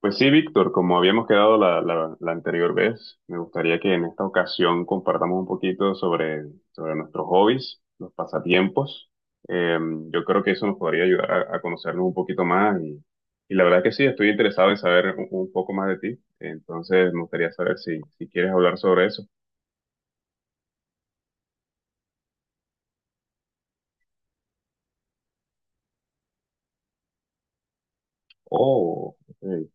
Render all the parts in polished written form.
Pues sí, Víctor, como habíamos quedado la anterior vez, me gustaría que en esta ocasión compartamos un poquito sobre, sobre nuestros hobbies, los pasatiempos. Eh, yo creo que eso nos podría ayudar a conocernos un poquito más y la verdad que sí, estoy interesado en saber un poco más de ti. Entonces, me gustaría saber si, si quieres hablar sobre eso. Oh, ok.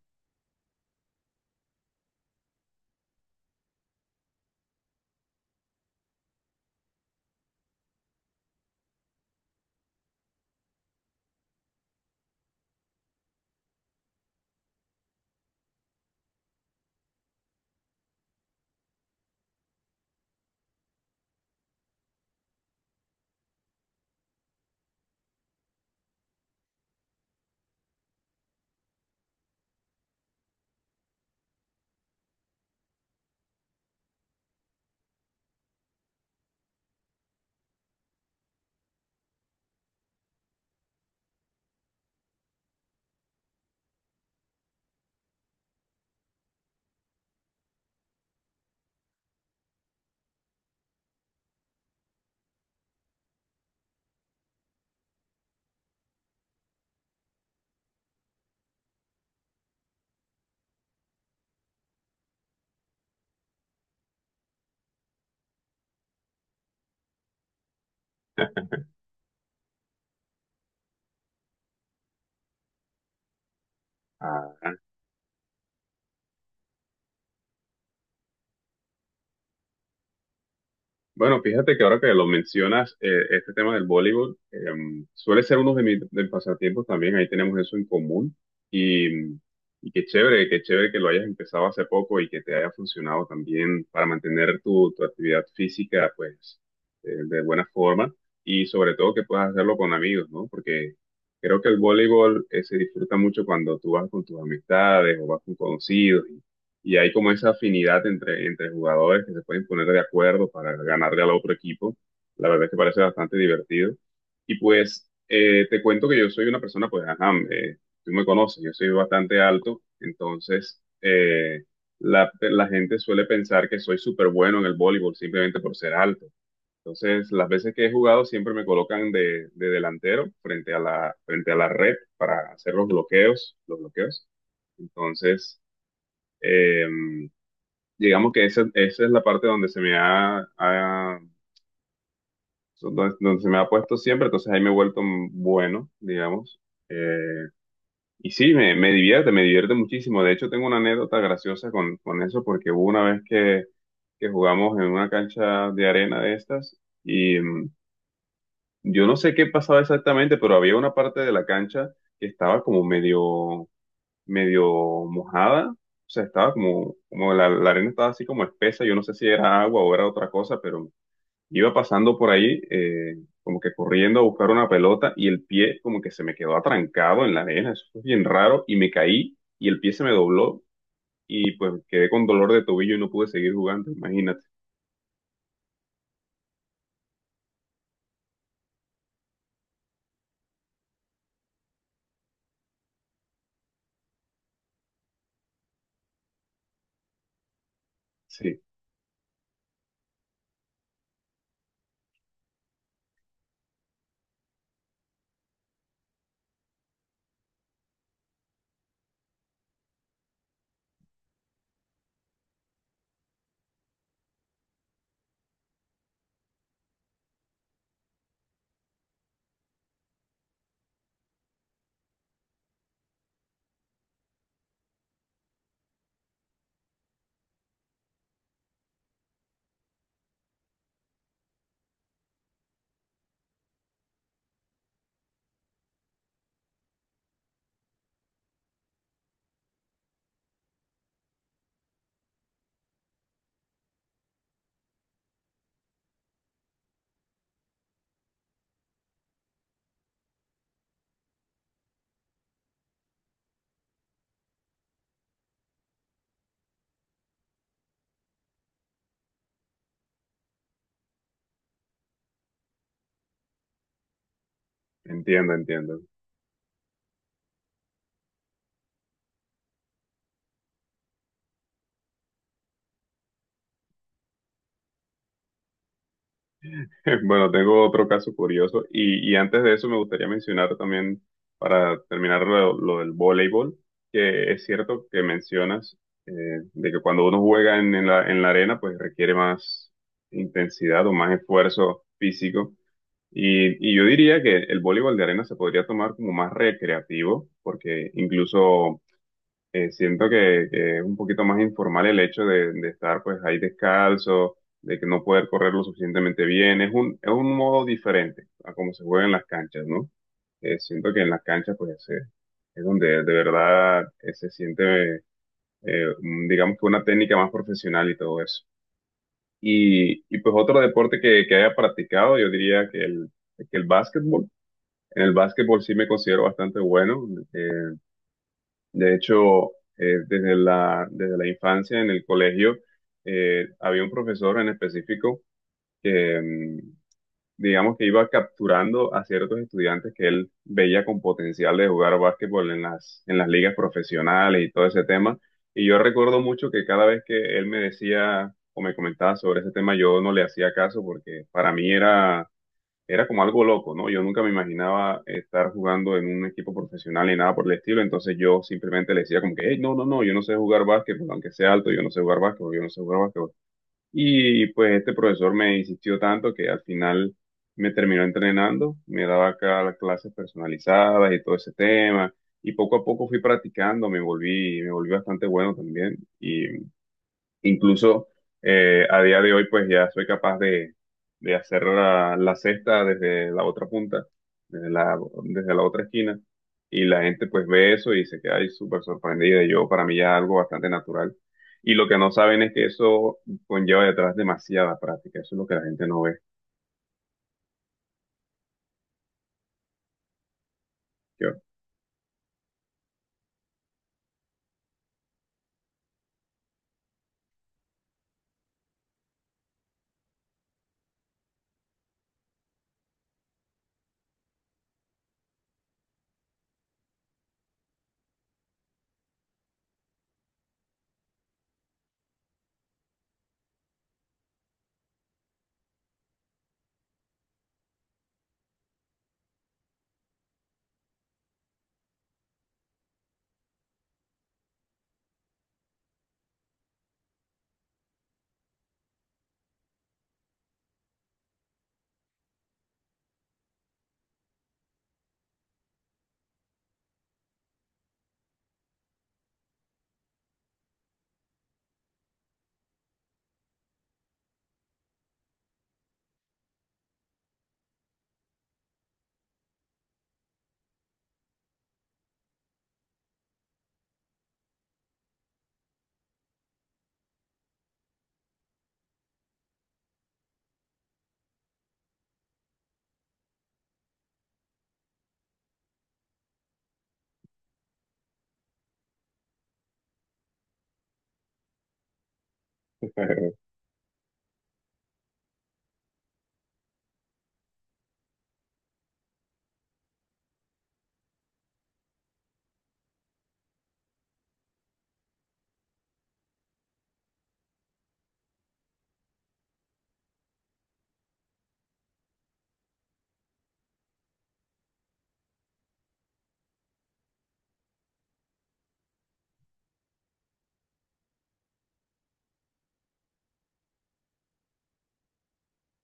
Ah, bueno, fíjate que ahora que lo mencionas, este tema del voleibol suele ser uno de mis pasatiempos también, ahí tenemos eso en común y, y qué chévere que lo hayas empezado hace poco y que te haya funcionado también para mantener tu, tu actividad física pues de buena forma y sobre todo que puedas hacerlo con amigos, ¿no? Porque creo que el voleibol se disfruta mucho cuando tú vas con tus amistades o vas con conocidos y hay como esa afinidad entre, entre jugadores que se pueden poner de acuerdo para ganarle al otro equipo. La verdad es que parece bastante divertido. Y pues te cuento que yo soy una persona, pues, ajá, tú me conoces, yo soy bastante alto, entonces la, la gente suele pensar que soy súper bueno en el voleibol simplemente por ser alto. Entonces, las veces que he jugado siempre me colocan de delantero frente a la red para hacer los bloqueos, los bloqueos. Entonces, em, digamos que esa es la parte donde se me ha, ha- donde, donde se me ha puesto siempre, entonces ahí me he vuelto un bueno, digamos. Eh, y sí, me, me divierte muchísimo. De hecho, tengo una anécdota graciosa con eso, porque hubo una vez que jugamos en una cancha de arena de estas y yo no sé qué pasaba exactamente, pero había una parte de la cancha que estaba como medio, medio mojada. O sea, estaba como, como la arena estaba así como espesa, yo no sé si era agua o era otra cosa, pero iba pasando por ahí, como que corriendo a buscar una pelota y el pie como que se me quedó atrancado en la arena, eso fue bien raro y me caí y el pie se me dobló y pues quedé con dolor de tobillo y no pude seguir jugando, imagínate. Sí, entiendo, entiendo. Bueno, tengo otro caso curioso y antes de eso me gustaría mencionar también, para terminar lo del voleibol, que es cierto que mencionas eh, de que cuando uno juega en la arena, pues requiere más intensidad o más esfuerzo físico. Y yo diría que el voleibol de arena se podría tomar como más recreativo, porque incluso siento que es un poquito más informal el hecho de estar pues ahí descalzo, de que no poder correr lo suficientemente bien. Es un modo diferente a cómo se juega en las canchas, ¿no? Siento que en las canchas pues es donde de verdad se siente, digamos que una técnica más profesional y todo eso. Y pues otro deporte que haya practicado, yo diría que el básquetbol. En el básquetbol sí me considero bastante bueno. eh, de hecho, desde la infancia en el colegio, había un profesor en específico que, digamos que iba capturando a ciertos estudiantes que él veía con potencial de jugar básquetbol en las ligas profesionales y todo ese tema. Y yo recuerdo mucho que cada vez que él me decía o me comentaba sobre ese tema, yo no le hacía caso porque para mí era como algo loco, ¿no? Yo nunca me imaginaba estar jugando en un equipo profesional ni nada por el estilo, entonces yo simplemente le decía como que, hey, no, no, no, yo no sé jugar básquetbol, aunque sea alto, yo no sé jugar básquetbol, yo no sé jugar básquetbol. Y pues este profesor me insistió tanto que al final me terminó entrenando, me daba acá las clases personalizadas y todo ese tema, y poco a poco fui practicando, me volví bastante bueno también, y incluso a día de hoy, pues ya soy capaz de hacer la, la cesta desde la otra punta, desde la, desde la otra esquina. Y la gente pues ve eso y se queda ahí súper sorprendida. Y yo, para mí ya es algo bastante natural. Y lo que no saben es que eso conlleva detrás demasiada práctica. Eso es lo que la gente no ve. Yo-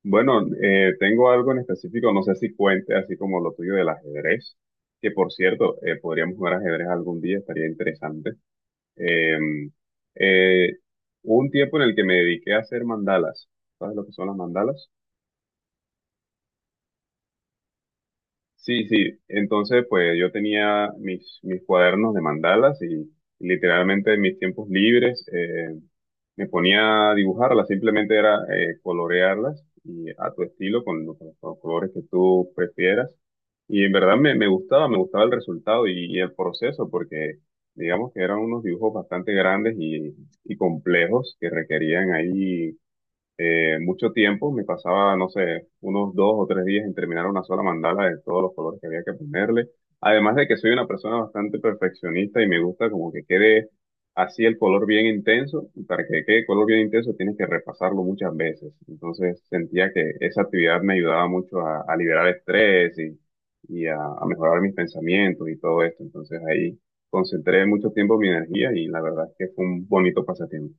Bueno, tengo algo en específico, no sé si cuente así como lo tuyo del ajedrez, que por cierto, podríamos jugar ajedrez algún día, estaría interesante. Eh, eh, Hubo un tiempo en el que me dediqué a hacer mandalas. ¿Sabes lo que son las mandalas? Sí, sí. Entonces, pues yo tenía mis, mis cuadernos de mandalas y literalmente en mis tiempos libres. Me ponía a dibujarlas, simplemente era colorearlas y a tu estilo, con los colores que tú prefieras. Y en verdad me, me gustaba el resultado y el proceso, porque digamos que eran unos dibujos bastante grandes y complejos que requerían ahí mucho tiempo, me pasaba, no sé, unos dos o tres días en terminar una sola mandala de todos los colores que había que ponerle. Además de que soy una persona bastante perfeccionista y me gusta como que quede así el color bien intenso, y para que quede color bien intenso tienes que repasarlo muchas veces. Entonces sentía que esa actividad me ayudaba mucho a liberar estrés y a mejorar mis pensamientos y todo esto. Entonces ahí concentré mucho tiempo mi energía y la verdad es que fue un bonito pasatiempo.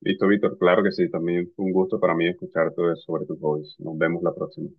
Listo, Víctor, claro que sí, también fue un gusto para mí escuchar todo eso sobre tus hobbies. Nos vemos la próxima.